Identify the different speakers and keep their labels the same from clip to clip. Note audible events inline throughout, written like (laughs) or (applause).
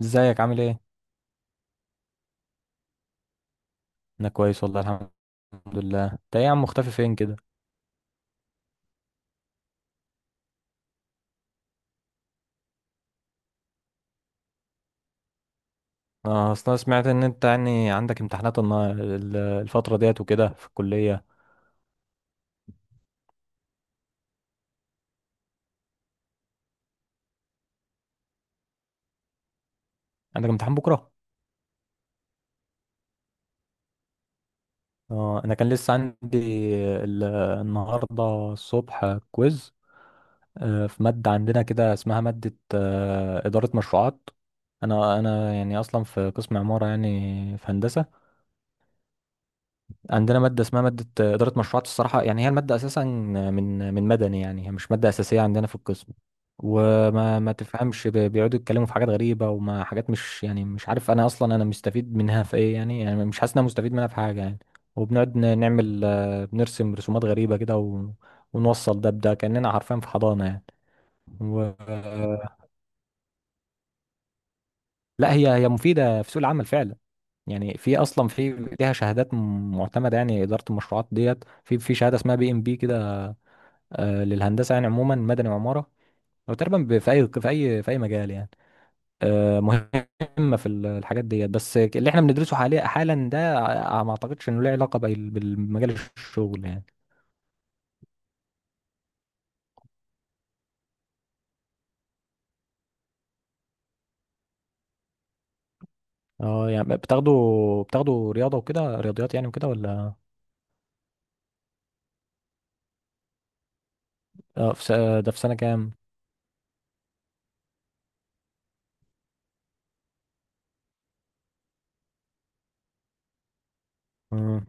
Speaker 1: ازيك عامل ايه؟ انا كويس والله الحمد لله. انت ايه يا عم، مختفي فين كده؟ اه، اصل انا سمعت ان انت يعني عندك امتحانات الفتره ديت وكده في الكليه. عندك امتحان بكره؟ اه، انا كان لسه عندي ال- النهارده الصبح كويز. اه، في ماده عندنا كده اسمها ماده، اداره مشروعات. انا يعني اصلا في قسم عماره يعني، في هندسه. عندنا مادة اسمها مادة إدارة مشروعات، الصراحة يعني هي المادة أساسا من مدني، يعني هي مش مادة أساسية عندنا في القسم. وما ما تفهمش، بيقعدوا يتكلموا في حاجات غريبة، وما حاجات، مش يعني مش عارف أنا أصلا أنا مستفيد منها في إيه يعني. مش حاسس إن أنا مستفيد منها في حاجة يعني. وبنقعد نعمل، بنرسم رسومات غريبة كده ونوصل ده بده، كأننا حرفيا في حضانة يعني. و... آه، لا، هي مفيدة في سوق العمل فعلا. يعني في أصلا، في ليها شهادات معتمدة يعني، إدارة المشروعات ديت، في شهادة اسمها بي إم بي كده، للهندسه يعني عموما، مدني وعماره، او تقريبا في اي، في اي مجال يعني. مهمه في الحاجات ديت، بس اللي احنا بندرسه حاليا حالا ده، ما اعتقدش انه له علاقه بالمجال، الشغل يعني. اه يعني، بتاخدوا رياضه وكده، رياضيات يعني وكده ولا؟ اه، ده في سنه كام؟ مم.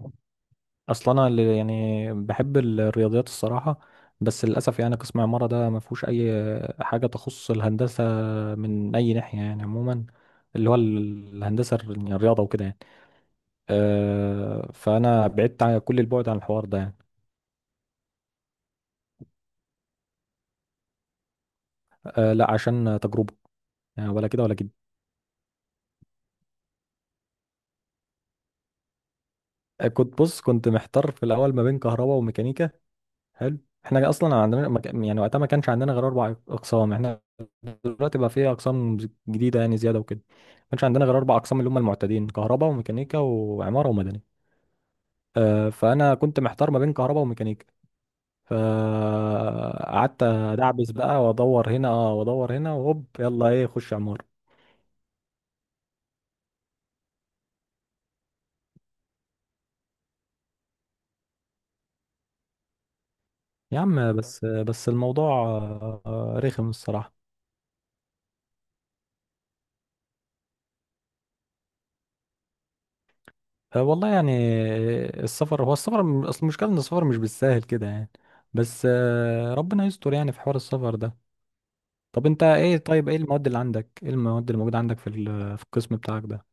Speaker 1: اصل انا اللي يعني بحب الرياضيات الصراحه، بس للاسف يعني قسم عماره ده ما فيهوش اي حاجه تخص الهندسه، من اي ناحيه يعني عموما، اللي هو الهندسه يعني الرياضه وكده يعني. أه فانا بعدت عن كل البعد عن الحوار ده يعني. أه لا عشان تجربه، يعني ولا كده ولا كده. كنت بص، كنت محتار في الاول ما بين كهرباء وميكانيكا. حلو. احنا اصلا عندنا ما كان- يعني وقتها ما كانش عندنا غير اربع اقسام، احنا دلوقتي بقى في اقسام جديده يعني، زياده وكده. ما كانش عندنا غير اربع اقسام، اللي هم المعتادين كهرباء وميكانيكا وعماره ومدني. فانا كنت محتار ما بين كهرباء وميكانيكا، فقعدت ادعبس بقى وادور هنا، وادور هنا، وهوب يلا ايه خش عماره. يا عم بس الموضوع رخم الصراحه. أه والله يعني، السفر هو السفر، اصل المشكله ان السفر مش بالساهل كده يعني. بس ربنا يستر يعني في حوار السفر ده. طب انت ايه، طيب ايه المواد اللي عندك، ايه المواد اللي موجوده عندك في في القسم بتاعك ده؟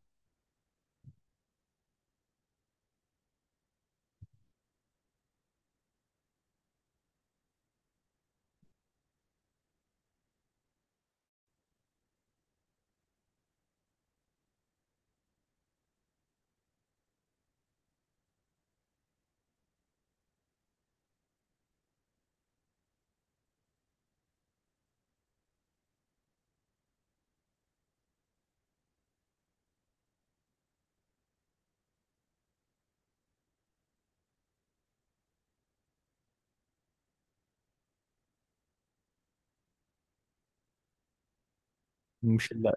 Speaker 1: مش ال-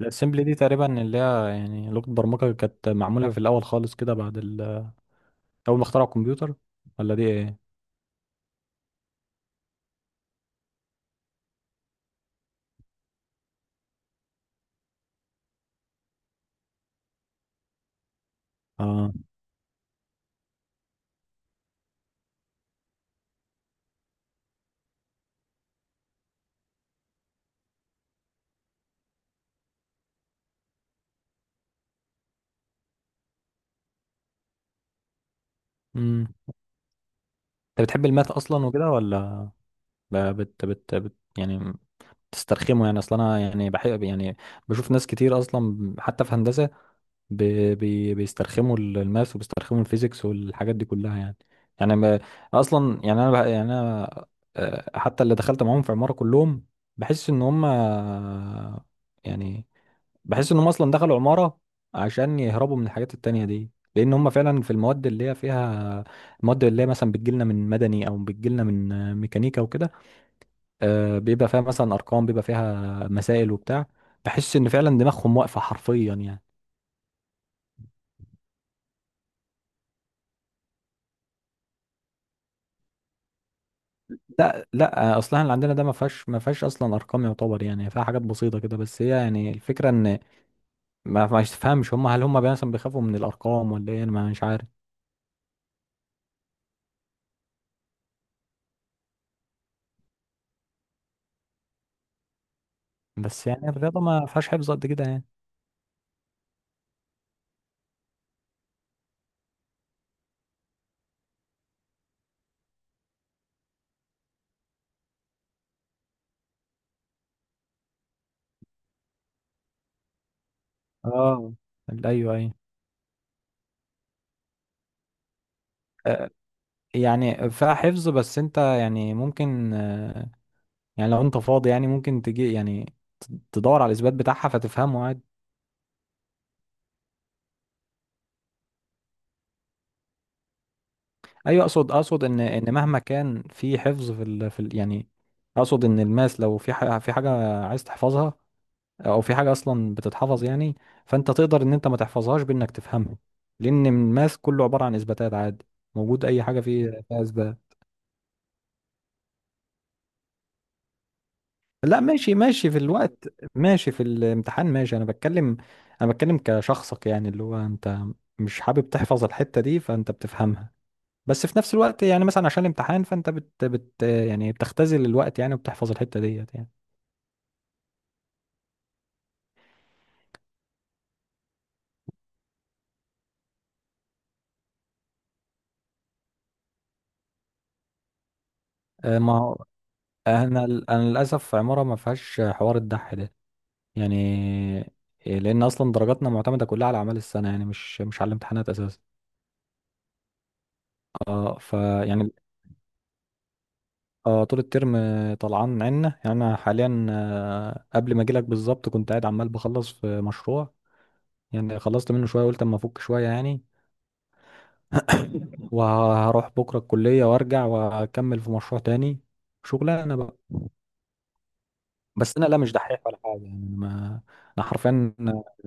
Speaker 1: الاسمبلي دي تقريبا اللي هي يعني لغه برمجه كانت معموله في الاول خالص كده، بعد اول ما اخترعوا الكمبيوتر، ولا دي ايه؟ اه. امم انت بتحب الماث اصلا وكده ولا يعني تسترخمه يعني؟ اصلا انا يعني بحب يعني، بشوف ناس كتير اصلا حتى في هندسه بيسترخموا الماث وبيسترخموا الفيزيكس والحاجات دي كلها يعني. يعني ما، اصلا يعني انا يعني انا، حتى اللي دخلت معاهم في عمارة كلهم، بحس ان هم، يعني بحس ان هم اصلا دخلوا عمارة عشان يهربوا من الحاجات التانية دي، لان هم فعلا في المواد اللي هي فيها، المواد اللي هي مثلا بتجيلنا من مدني او بتجيلنا من، ميكانيكا وكده، بيبقى فيها مثلا ارقام، بيبقى فيها مسائل وبتاع، بحس ان فعلا دماغهم واقفة حرفيا يعني. لا لا، اصلا اللي عندنا ده ما فيهاش اصلا ارقام يعتبر، يعني فيها حاجات بسيطه كده، بس هي يعني الفكره ان، ما تفهمش هم، هل هم مثلا بيخافوا من الارقام ولا ايه، انا مش عارف. بس يعني الرياضه ما فيهاش حفظ قد كده يعني. اه، ايوه ايوه، آه، يعني فيها حفظ. بس انت يعني ممكن، يعني لو انت فاضي يعني ممكن تجي يعني تدور على الاثبات بتاعها فتفهمه عادي. ايوه، اقصد ان مهما كان في حفظ، يعني، اقصد ان الماس لو في حاجه عايز تحفظها، او في حاجه اصلا بتتحفظ يعني، فانت تقدر ان انت ما تحفظهاش بانك تفهمها، لان الماث كله عباره عن اثباتات عادي. موجود اي حاجه فيه فيها اثبات. لا ماشي، ماشي في الوقت. ماشي في الامتحان، ماشي. انا بتكلم كشخصك يعني، اللي هو انت مش حابب تحفظ الحته دي فانت بتفهمها، بس في نفس الوقت يعني مثلا عشان الامتحان فانت بت, بت يعني بتختزل الوقت يعني وبتحفظ الحته ديت يعني. ما هو انا للاسف عماره ما فيهاش حوار الدح ده يعني. لان اصلا درجاتنا معتمده كلها على اعمال السنه، يعني مش على الامتحانات اساسا. اه فيعني، اه طول الترم طلعان عنا يعني. انا حاليا، قبل ما اجيلك بالظبط، كنت قاعد عمال بخلص في مشروع، يعني خلصت منه شويه قلت اما افك شويه يعني، وهروح بكره الكليه وارجع واكمل في مشروع تاني، شغلانه بقى. بس انا لا، مش دحيح ولا حاجه يعني، انا ما، انا حرفيا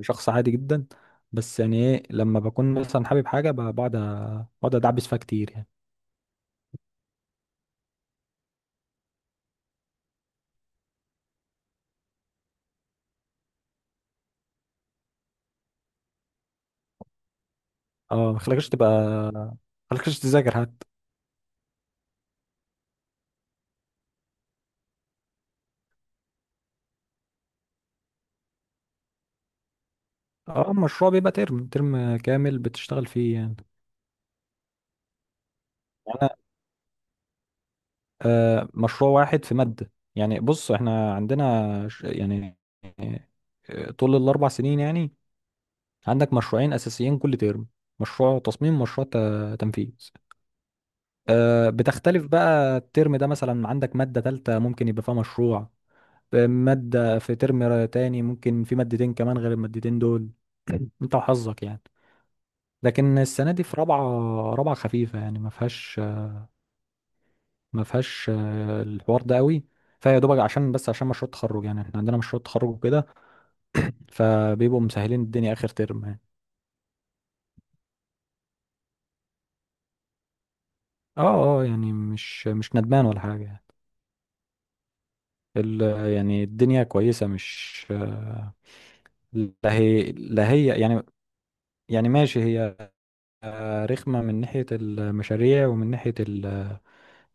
Speaker 1: شخص عادي جدا. بس يعني ايه، لما بكون مثلا حابب حاجه بقعد ادعبس فيها كتير يعني. اه، ما خلكش تبقى، ما خلكش تذاكر حتى. اه المشروع بيبقى ترم كامل بتشتغل فيه يعني، يعني انا، آه مشروع واحد في مادة. يعني بص، احنا عندنا يعني، طول الاربع سنين يعني عندك مشروعين اساسيين كل ترم، مشروع تصميم، مشروع تنفيذ. آه بتختلف بقى، الترم ده مثلا عندك مادة تالتة ممكن يبقى فيها مشروع، مادة في ترم تاني ممكن في مادتين كمان غير المادتين دول. (clears throat) انت وحظك يعني. لكن السنه دي في رابعه، رابعه خفيفه يعني، ما فيهاش، ما فيهاش الحوار ده قوي، فيا دوبك عشان بس مشروع التخرج، يعني احنا عندنا مشروع تخرج وكده فبيبقوا مسهلين الدنيا اخر ترم يعني. اه اه، يعني مش ندمان ولا حاجه يعني. ال يعني الدنيا كويسه، مش، لا هي يعني، يعني ماشي هي، رخمه من ناحيه المشاريع ومن ناحيه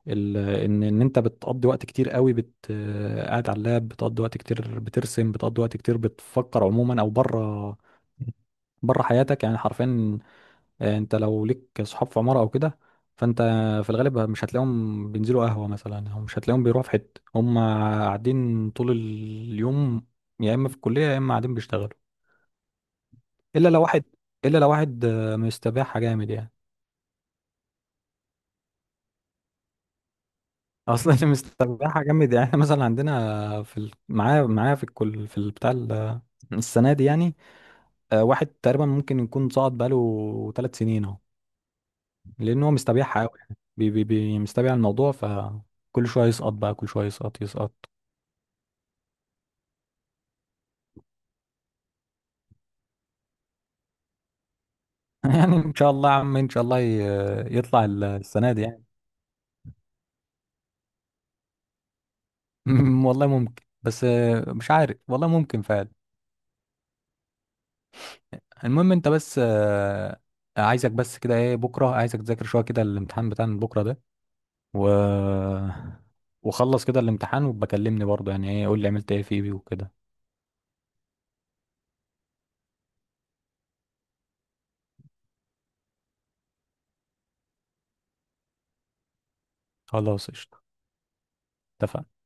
Speaker 1: ان انت بتقضي وقت كتير قوي قاعد على اللاب، بتقضي وقت كتير بترسم، بتقضي وقت كتير بتفكر عموما، او بره، بره حياتك يعني حرفيا. انت لو ليك صحاب في عمارة او كده، فانت في الغالب مش هتلاقيهم بينزلوا قهوة مثلا، او مش هتلاقيهم بيروحوا في حتة، هم قاعدين طول اليوم يا اما في الكلية يا اما قاعدين بيشتغلوا. الا لو واحد، الا لو واحد مستباحة جامد يعني. (laughs) اصلا اللي مستباحة جامد يعني، (laughs) مثلا عندنا معايا في الكل في البتاع، السنه دي يعني، واحد تقريبا ممكن يكون صعد بقاله 3 سنين اهو، لان هو مستبيعها قوي يعني، بي بي بي مستبيع الموضوع. فكل شويه يسقط بقى، كل شويه يسقط يسقط. (laughs) يعني ان شاء الله يا عم، ان شاء الله يطلع السنه دي يعني. (laughs) والله ممكن، بس مش عارف والله، ممكن فعلا. المهم انت بس، عايزك بس كده، ايه بكره عايزك تذاكر شويه كده الامتحان بتاع بكره ده، و وخلص كده الامتحان وبكلمني برضه يعني، ايه قول لي عملت ايه فيه وكده. خلاص قشطه. اتفقنا.